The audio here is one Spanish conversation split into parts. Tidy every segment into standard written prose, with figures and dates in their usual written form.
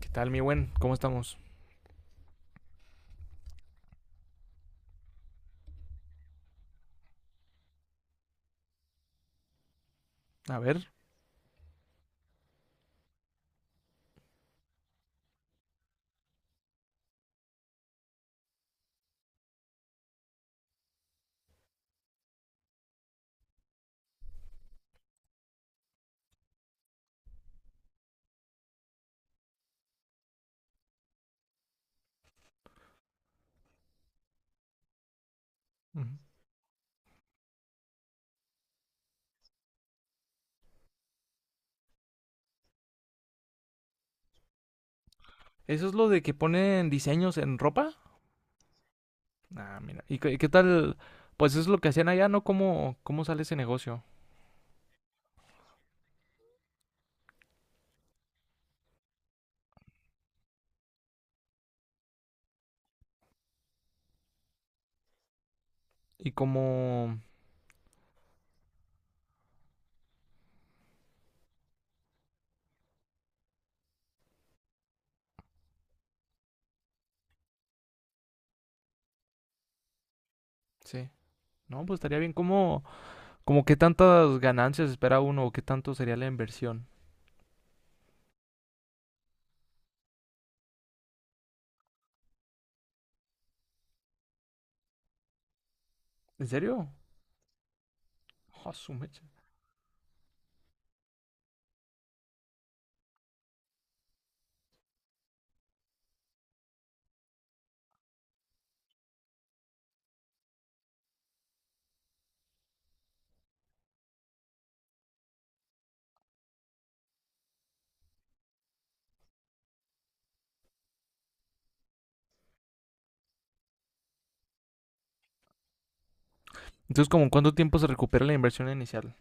¿Qué tal, mi buen? ¿Cómo estamos? A ver. Uh-huh. ¿Eso es lo de que ponen diseños en ropa? Ah, mira. ¿Y qué tal? Pues eso es lo que hacían allá, ¿no? ¿Cómo sale ese negocio? Y cómo... Sí. No, pues estaría bien. ¿Cómo qué tantas ganancias espera uno o qué tanto sería la inversión? ¿En serio? Ah, su mecha. Entonces, ¿como cuánto tiempo se recupera la inversión inicial?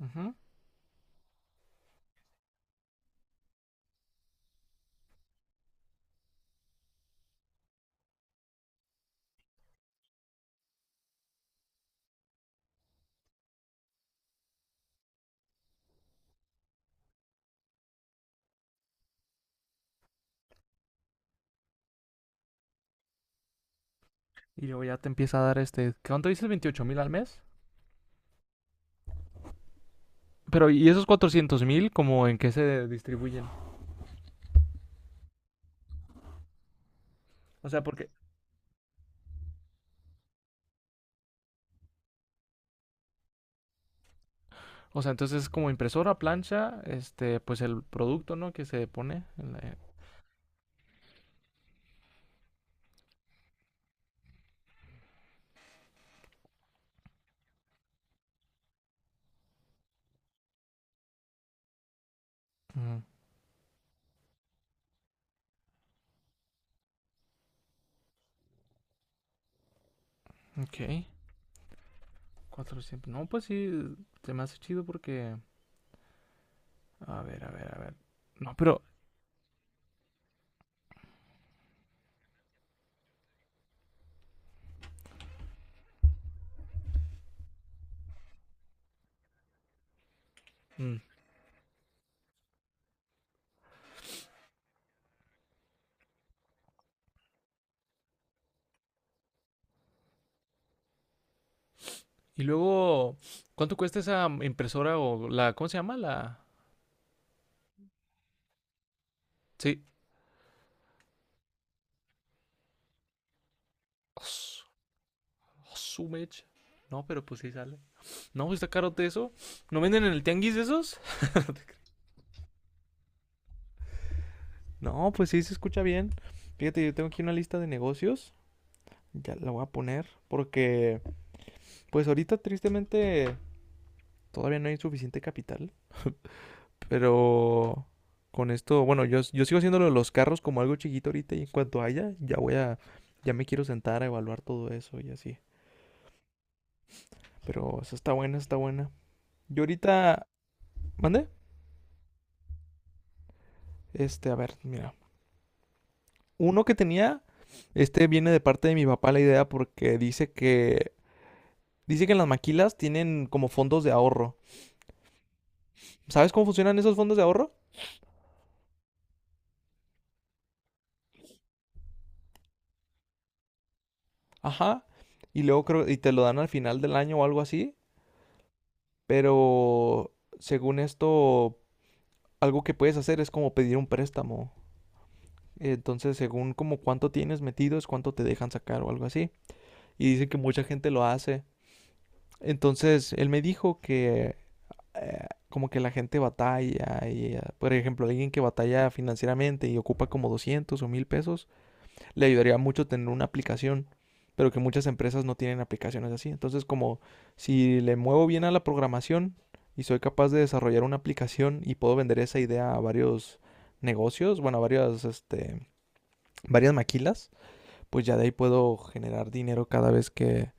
Ujú. Y luego ya te empieza a dar este... ¿Cuánto dices? ¿28,000 al mes? Pero, ¿y esos 400,000 como en qué se distribuyen? O sea, porque o sea, entonces es como impresora, plancha, este, pues el producto, ¿no? Que se pone en la... Ujú, ok. 400. No, pues sí, se me hace chido porque... A ver, a ver, a ver. No, pero... mm, Y luego, ¿cuánto cuesta esa impresora o la... ¿Cómo se llama? La... Sí. Os- Osumech. No, pero pues sí sale. No, pues está carote eso. ¿No venden en el tianguis esos? No, pues sí se escucha bien. Fíjate, yo tengo aquí una lista de negocios. Ya la voy a poner porque... Pues ahorita tristemente todavía no hay suficiente capital, pero con esto, bueno, yo sigo haciéndolo de los carros como algo chiquito ahorita y en cuanto haya, ya me quiero sentar a evaluar todo eso y así. Pero esa está buena, está buena. Yo ahorita, ¿mandé? Este, a ver, mira. Uno que tenía, este viene de parte de mi papá la idea porque dice que las maquilas tienen como fondos de ahorro. ¿Sabes cómo funcionan esos fondos de ahorro? Ajá. Y luego creo, y te lo dan al final del año o algo así. Pero según esto, algo que puedes hacer es como pedir un préstamo. Entonces, según como cuánto tienes metido, es cuánto te dejan sacar o algo así. Y dicen que mucha gente lo hace. Entonces, él me dijo que como que la gente batalla y, por ejemplo, alguien que batalla financieramente y ocupa como 200 o 1,000 pesos, le ayudaría mucho tener una aplicación, pero que muchas empresas no tienen aplicaciones así. Entonces, como si le muevo bien a la programación y soy capaz de desarrollar una aplicación y puedo vender esa idea a varios negocios, bueno, varias maquilas, pues ya de ahí puedo generar dinero cada vez que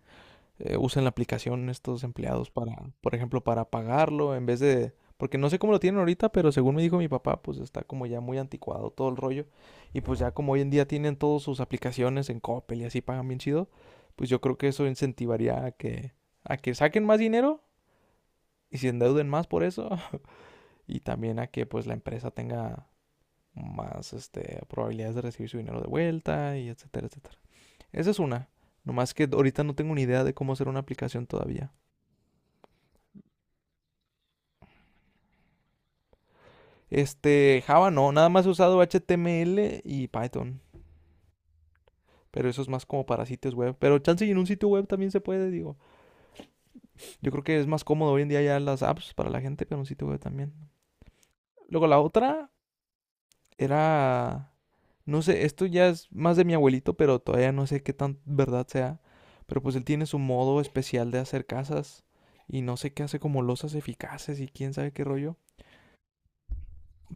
usan la aplicación estos empleados para, por ejemplo, para pagarlo en vez de... Porque no sé cómo lo tienen ahorita, pero según me dijo mi papá, pues está como ya muy anticuado todo el rollo. Y pues ya como hoy en día tienen todas sus aplicaciones en Coppel y así pagan bien chido, pues yo creo que eso incentivaría a que saquen más dinero y se endeuden más por eso. Y también a que pues la empresa tenga más este, probabilidades de recibir su dinero de vuelta y etcétera, etcétera. Esa es una. Nomás que ahorita no tengo ni idea de cómo hacer una aplicación todavía. Este, Java no, nada más he usado HTML y Python. Pero eso es más como para sitios web. Pero chance y en un sitio web también se puede, digo. Yo creo que es más cómodo hoy en día ya las apps para la gente, pero un sitio web también. Luego la otra era, no sé, esto ya es más de mi abuelito, pero todavía no sé qué tan verdad sea. Pero pues él tiene su modo especial de hacer casas y no sé qué hace como losas eficaces y quién sabe qué rollo.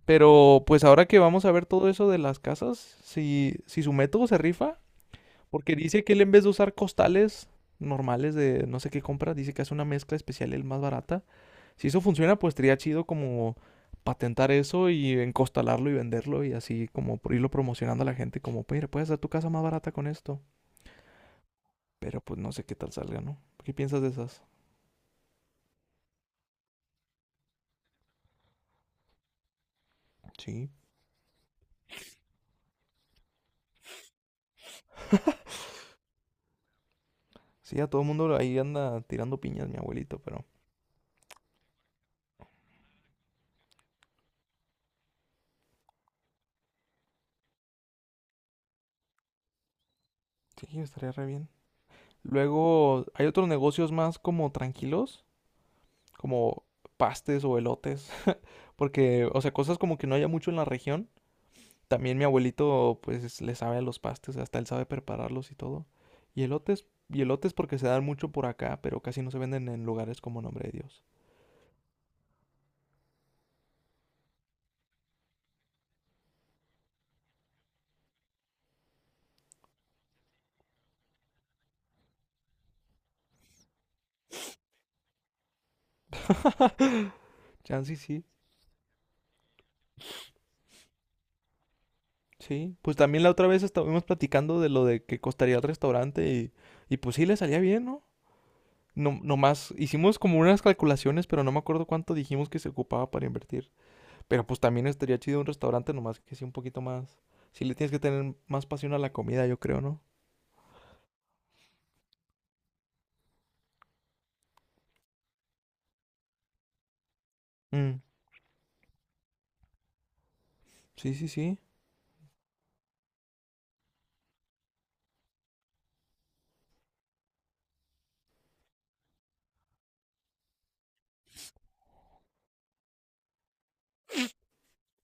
Pero pues ahora que vamos a ver todo eso de las casas, si su método se rifa. Porque dice que él en vez de usar costales normales de no sé qué compra, dice que hace una mezcla especial, el más barata. Si eso funciona, pues estaría chido como patentar eso y encostalarlo y venderlo y así como por irlo promocionando a la gente como, mira, puedes hacer tu casa más barata con esto. Pero pues no sé qué tal salga, ¿no? ¿Qué piensas de esas? Sí. Sí, a todo el mundo ahí anda tirando piñas mi abuelito, pero sí, estaría re bien. Luego hay otros negocios más como tranquilos, como pastes o elotes, porque, o sea, cosas como que no haya mucho en la región. También mi abuelito, pues, le sabe a los pastes, hasta él sabe prepararlos y todo. Y elotes porque se dan mucho por acá, pero casi no se venden en lugares como Nombre de Dios. Chance y sí, sí. Pues también la otra vez estuvimos platicando de lo de que costaría el restaurante y pues sí, le salía bien, ¿no? No, nomás hicimos como unas calculaciones, pero no me acuerdo cuánto dijimos que se ocupaba para invertir. Pero pues también estaría chido un restaurante, nomás que sea un poquito más. Si le tienes que tener más pasión a la comida, yo creo, ¿no? Mm, sí, sí, sí.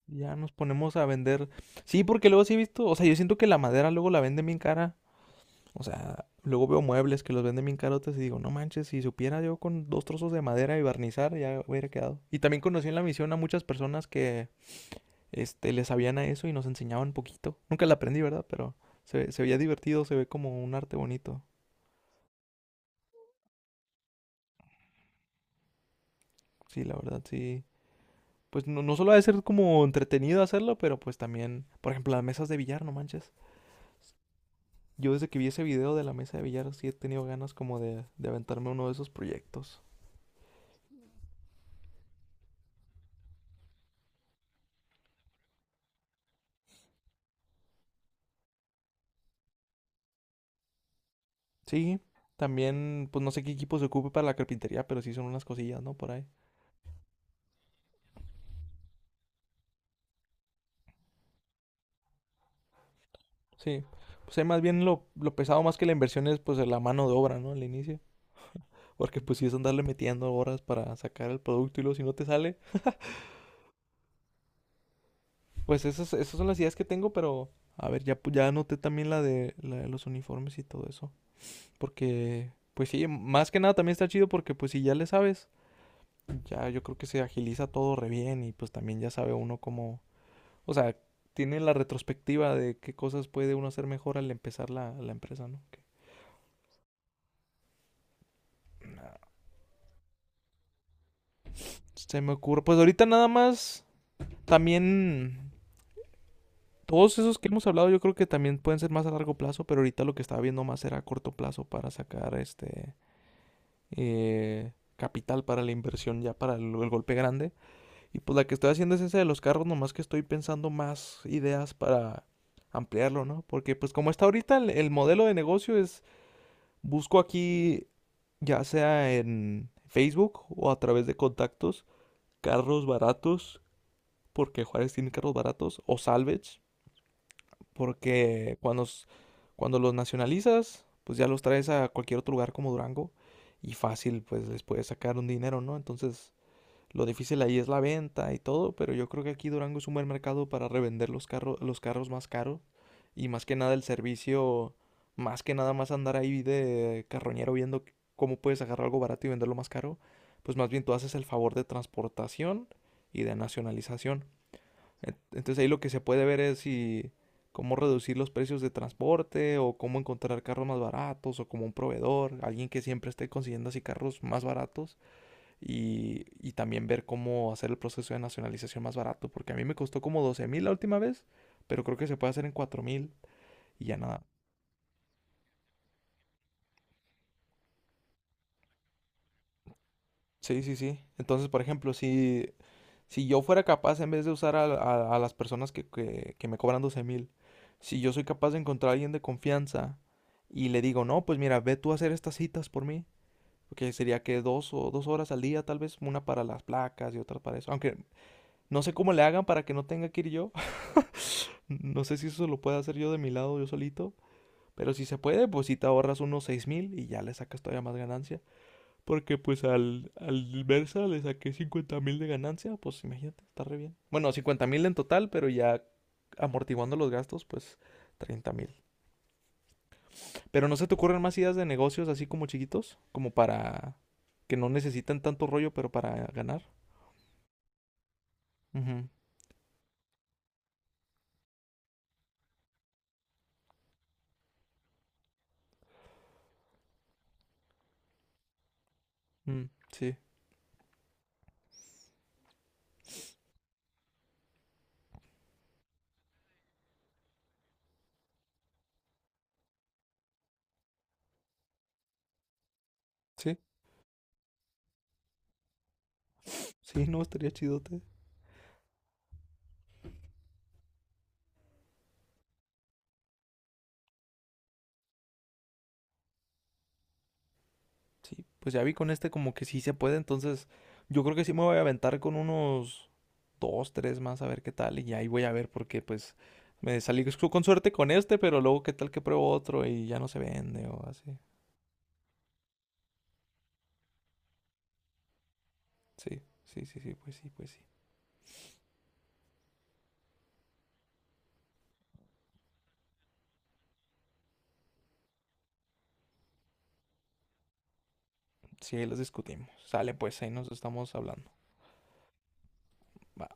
Ya nos ponemos a vender. Sí, porque luego sí he visto. O sea, yo siento que la madera luego la venden bien cara. O sea, luego veo muebles que los venden bien carotes y digo, no manches, si supiera yo, con dos trozos de madera y barnizar, ya hubiera quedado. Y también conocí en la misión a muchas personas que este, le sabían a eso y nos enseñaban poquito. Nunca la aprendí, ¿verdad? Pero se veía divertido, se ve como un arte bonito. Sí, la verdad, sí. Pues no, no solo ha de ser como entretenido hacerlo, pero pues también, por ejemplo, las mesas de billar, no manches. Yo desde que vi ese video de la mesa de billar sí he tenido ganas como de aventarme uno de esos proyectos. Sí, también, pues no sé qué equipo se ocupe para la carpintería, pero sí son unas cosillas, ¿no? Por ahí. Sí, pues ahí más bien lo pesado más que la inversión es pues la mano de obra, ¿no? Al inicio. Porque pues si es andarle metiendo horas para sacar el producto y luego si no te sale. Pues esas son las ideas que tengo, pero a ver, ya anoté también la de los uniformes y todo eso. Porque, pues sí, más que nada también está chido porque pues si ya le sabes, ya yo creo que se agiliza todo re bien y pues también ya sabe uno cómo, o sea, tiene la retrospectiva de qué cosas puede uno hacer mejor al empezar la empresa, ¿no? Nah, se me ocurre, pues ahorita nada más, también todos esos que hemos hablado yo creo que también pueden ser más a largo plazo, pero ahorita lo que estaba viendo más era a corto plazo para sacar este capital para la inversión ya para el golpe grande. Y pues la que estoy haciendo es esa de los carros, nomás que estoy pensando más ideas para ampliarlo, ¿no? Porque pues como está ahorita el modelo de negocio es, busco aquí, ya sea en Facebook o a través de contactos, carros baratos, porque Juárez tiene carros baratos, o salvage, porque cuando los nacionalizas, pues ya los traes a cualquier otro lugar como Durango y fácil, pues les puedes sacar un dinero, ¿no? Entonces... Lo difícil ahí es la venta y todo, pero yo creo que aquí Durango es un buen mercado para revender los carros, más caros, y más que nada el servicio, más que nada más andar ahí de carroñero viendo cómo puedes agarrar algo barato y venderlo más caro, pues más bien tú haces el favor de transportación y de nacionalización. Entonces ahí lo que se puede ver es si cómo reducir los precios de transporte o cómo encontrar carros más baratos o como un proveedor, alguien que siempre esté consiguiendo así carros más baratos y también ver cómo hacer el proceso de nacionalización más barato, porque a mí me costó como 12,000 la última vez, pero creo que se puede hacer en 4,000 y ya nada. Sí, sí, sí. Entonces, por ejemplo, si yo fuera capaz, en vez de usar a las personas que me cobran 12,000, si yo soy capaz de encontrar a alguien de confianza y le digo, no, pues mira, ve tú a hacer estas citas por mí, porque sería que 2 horas al día, tal vez una para las placas y otra para eso. Aunque no sé cómo le hagan para que no tenga que ir yo, no sé si eso lo puedo hacer yo de mi lado, yo solito. Pero si se puede, pues si te ahorras unos 6,000 y ya le sacas todavía más ganancia. Porque pues al Versa le saqué 50,000 de ganancia, pues imagínate, está re bien. Bueno, 50,000 en total, pero ya amortiguando los gastos, pues 30,000. Pero no se te ocurren más ideas de negocios así como chiquitos, como para que no necesitan tanto rollo, pero para ganar. Ujú, mm, sí, sí, sí, no, estaría chidote. Sí, pues ya vi con este como que sí se puede, entonces yo creo que sí me voy a aventar con unos dos, tres más a ver qué tal, y ahí voy a ver porque pues me salí con suerte con este, pero luego qué tal que pruebo otro y ya no se vende o así. Sí, sí, sí, sí, pues sí, pues sí. Sí, ahí los discutimos. Sale pues, ahí nos estamos hablando. Bye.